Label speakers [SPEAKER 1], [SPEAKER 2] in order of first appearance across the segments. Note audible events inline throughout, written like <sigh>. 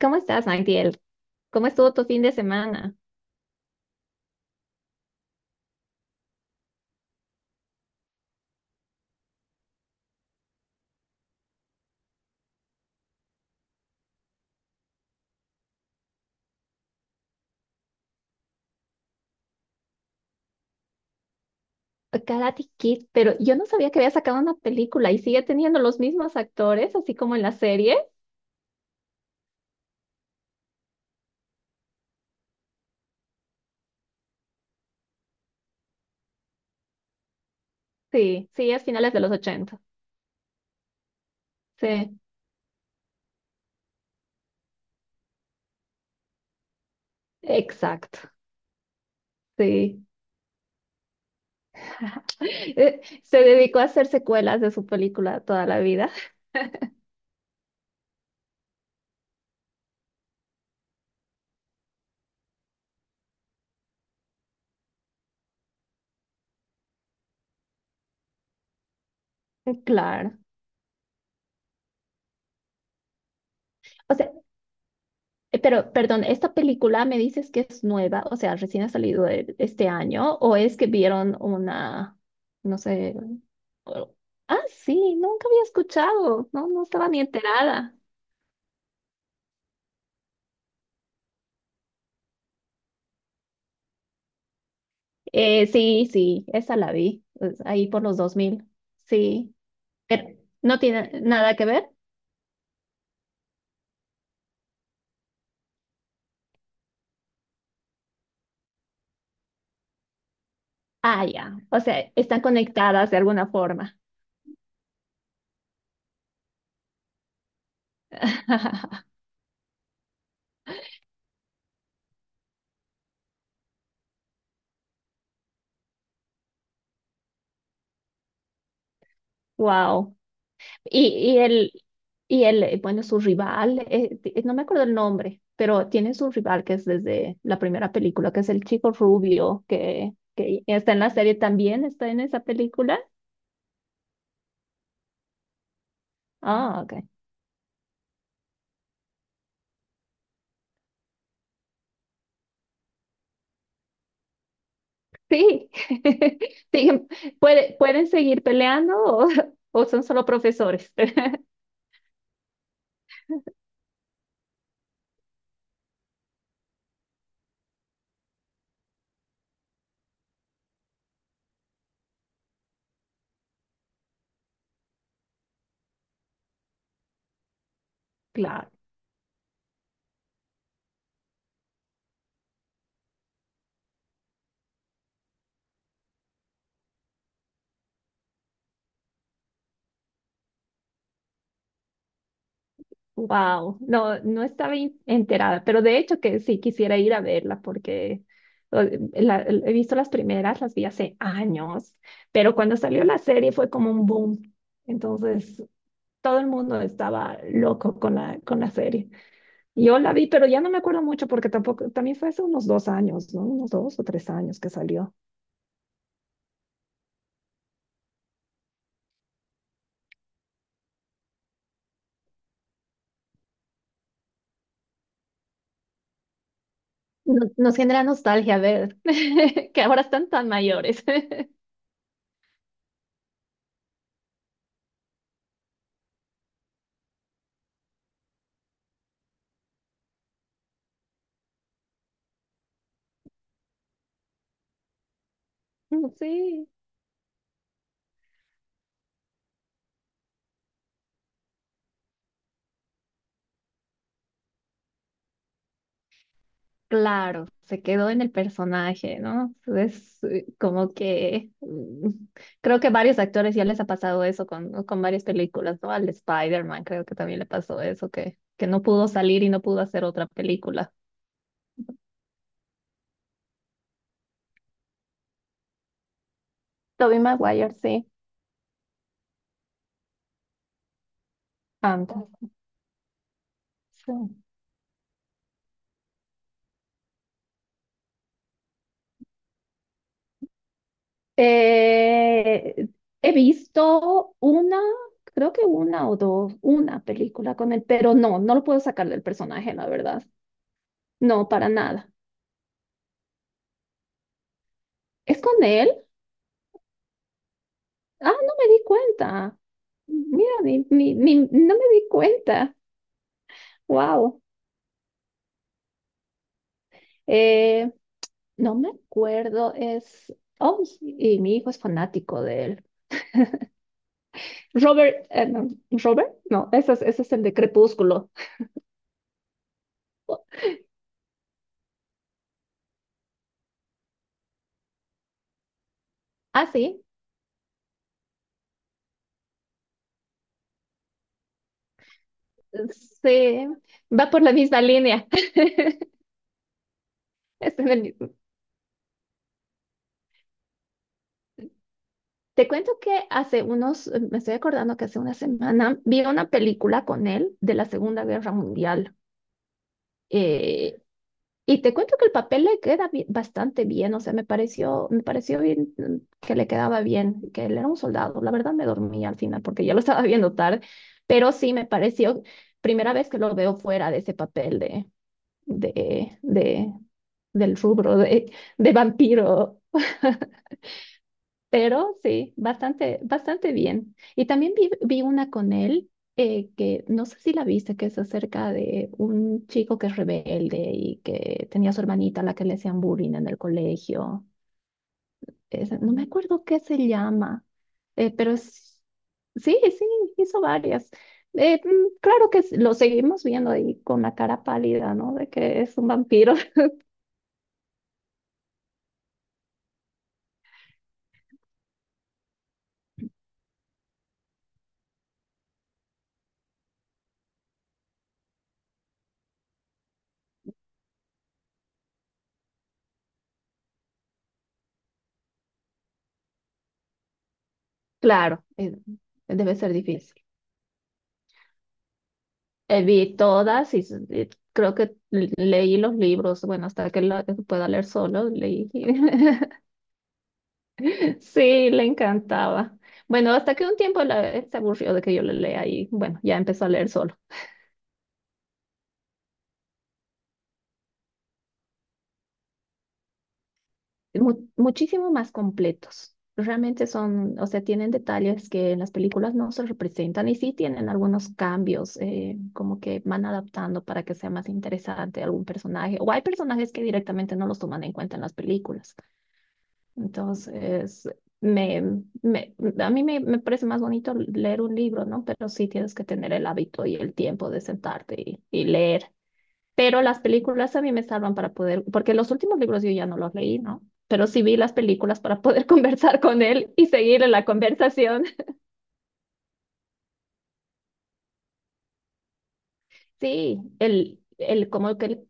[SPEAKER 1] ¿Cómo estás, Magdiel? ¿Cómo estuvo tu fin de semana? Karate Kid, pero yo no sabía que había sacado una película y sigue teniendo los mismos actores, así como en la serie. Sí, sí, es finales de los 80. Sí, exacto. Sí. <laughs> Se dedicó a hacer secuelas de su película toda la vida. <laughs> Claro. O sea, pero perdón, ¿esta película me dices que es nueva? O sea, recién ha salido este año, ¿o es que vieron una? No sé. Oh, ah, sí, nunca había escuchado, no, no estaba ni enterada. Sí, sí, esa la vi, pues, ahí por los 2000, sí, pero no tiene nada que ver. Ah, ya, o sea, están conectadas de alguna forma. <laughs> Wow. Y, y el, bueno, su rival, no me acuerdo el nombre, pero tiene su rival que es desde la primera película, que es el chico rubio, que está en la serie también, está en esa película. Ah, ok. Sí, <laughs> siguen, pueden seguir peleando, o, <laughs> o son solo profesores. <laughs> Claro, wow, no, no estaba enterada, pero de hecho que sí quisiera ir a verla porque o- he visto las primeras, las vi hace años, pero cuando salió la serie fue como un boom, entonces todo el mundo estaba loco con la serie. Yo la vi, pero ya no me acuerdo mucho porque tampoco, también fue hace unos dos. Nos genera nostalgia ver <laughs> que ahora están tan mayores. <laughs> Sí, claro, se quedó en el personaje, ¿no? Es creo que varios actores ya les ha pasado eso con, ¿no? Con varias películas, ¿no? Al Spider-Man creo que también le pasó eso, que no pudo salir y no pudo hacer otra película. Tobey Maguire, sí, antes. Sí. Eh, He visto una, creo que una o dos, una película con él, pero no, no lo puedo sacar del personaje, la verdad. No, para nada. ¿Es con él? Ah, no me di cuenta. Mira, no me di cuenta. Wow. Eh, no me acuerdo, es... Oh, sí, y mi hijo es fanático de él. Robert, no, Robert, no, ese es el de Crepúsculo. Ah, sí, sí, va por la misma línea. Está en el mismo. Te cuento que hace unos, me estoy acordando que hace una semana vi una película con él de la Segunda Guerra Mundial. Eh, y te cuento que el papel le queda bastante bien, o sea, me pareció bien, mm, que le quedaba bien, que él era un soldado. La verdad me dormí al final porque ya lo estaba viendo tarde, pero sí me pareció, primera vez que lo veo fuera de ese papel de, de, del rubro de vampiro. <laughs> Pero sí, bastante, bastante bien. Y también vi una con él, que no sé si la viste, que es acerca de un chico que es rebelde y que tenía a su hermanita a la que le hacían bullying en el colegio. No me acuerdo qué se llama, pero es, sí, sí, hizo varias. Claro que lo seguimos viendo ahí con la cara pálida, ¿no? De que es un vampiro. <laughs> Claro, debe ser difícil. Vi todas y, y creo que leí los libros, bueno, hasta que la que pueda leer solo, leí. <laughs> Sí, le encantaba. Bueno, hasta que un tiempo la, se aburrió de que yo le lea y bueno, ya empezó a leer solo. Muchísimo más completos. Realmente son, o sea, tienen detalles que en las películas no se representan y sí tienen algunos cambios, como que van adaptando para que sea más interesante algún personaje. O hay personajes que directamente no los toman en cuenta en las películas. Entonces, me parece más bonito leer un libro, ¿no? Pero sí tienes que tener el hábito y el tiempo de sentarte y leer. Pero las películas a mí me salvan para poder, porque los últimos libros yo ya no los leí, ¿no? Pero sí vi las películas para poder <laughs> conversar con él y seguir en la conversación. Sí, el, como que el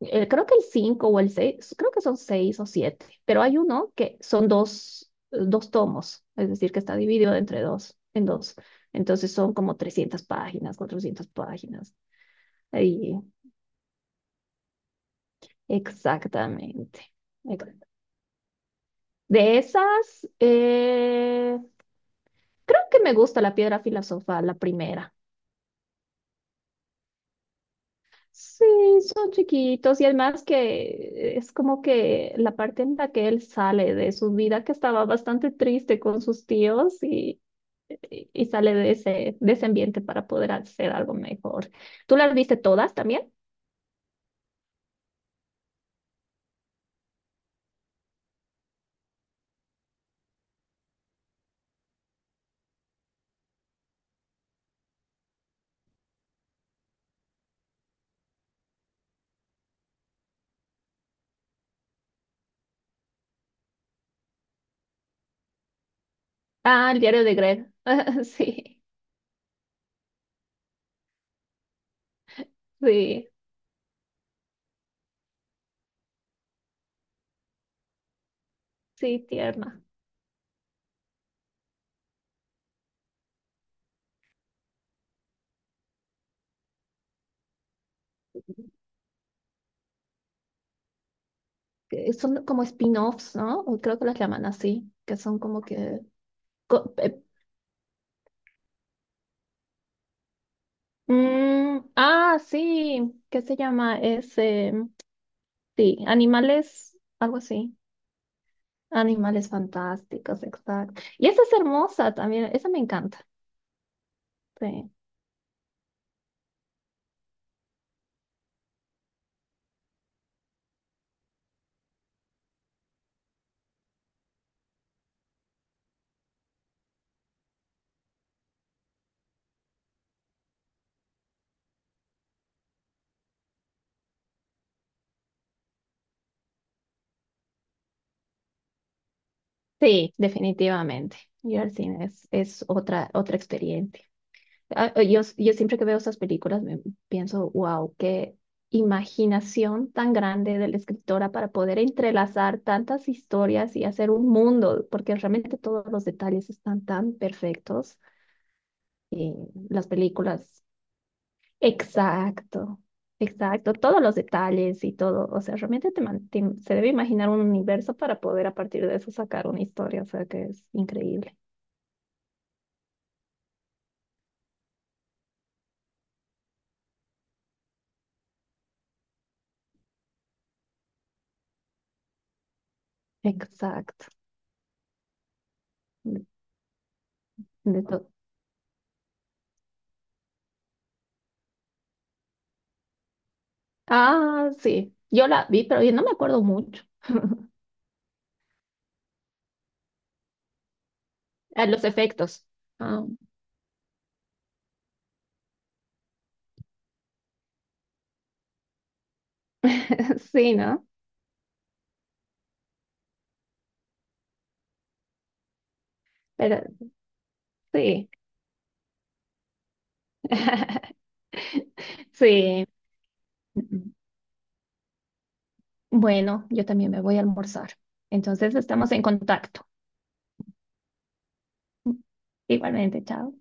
[SPEAKER 1] creo que el 5 o el seis, creo que son 6 o siete, pero hay uno que son dos, dos tomos, es decir, que está dividido entre dos, en dos. Entonces son como 300 páginas, 400 páginas. Ahí, exactamente. Ex- De esas, creo que me gusta la piedra filosofal, la primera. Sí, son chiquitos y además que es como que la parte en la que él sale de su vida que estaba bastante triste con sus tíos y sale de ese ambiente para poder hacer algo mejor. ¿Tú las viste todas también? Ah, el diario de Greg. <laughs> Sí, sí, sí, tierna. ¿Que son como spin-offs, ¿no? O creo que las llaman así, que son como que... co- eh, ah, sí, ¿qué se llama? Es, sí, animales, algo así. Animales fantásticos, exacto. Y esa es hermosa también, esa me encanta. Sí. Sí, definitivamente. Ir al cine es otra, otra experiencia. Yo siempre que veo esas películas me pienso, wow, qué imaginación tan grande de la escritora para poder entrelazar tantas historias y hacer un mundo, porque realmente todos los detalles están tan perfectos. Y las películas, exacto, exacto, todos los detalles y todo, o sea, realmente te, se debe imaginar un universo para poder a partir de eso sacar una historia, o sea, que es increíble. Exacto. De, de todo. Ah, sí. Yo la vi, pero yo no me acuerdo mucho. <laughs> Ah, los efectos. Ah, <laughs> sí, ¿no? Pero sí. <laughs> Sí. Mm, mm. Bueno, yo también me voy a almorzar. Entonces estamos en contacto. Igualmente, chao.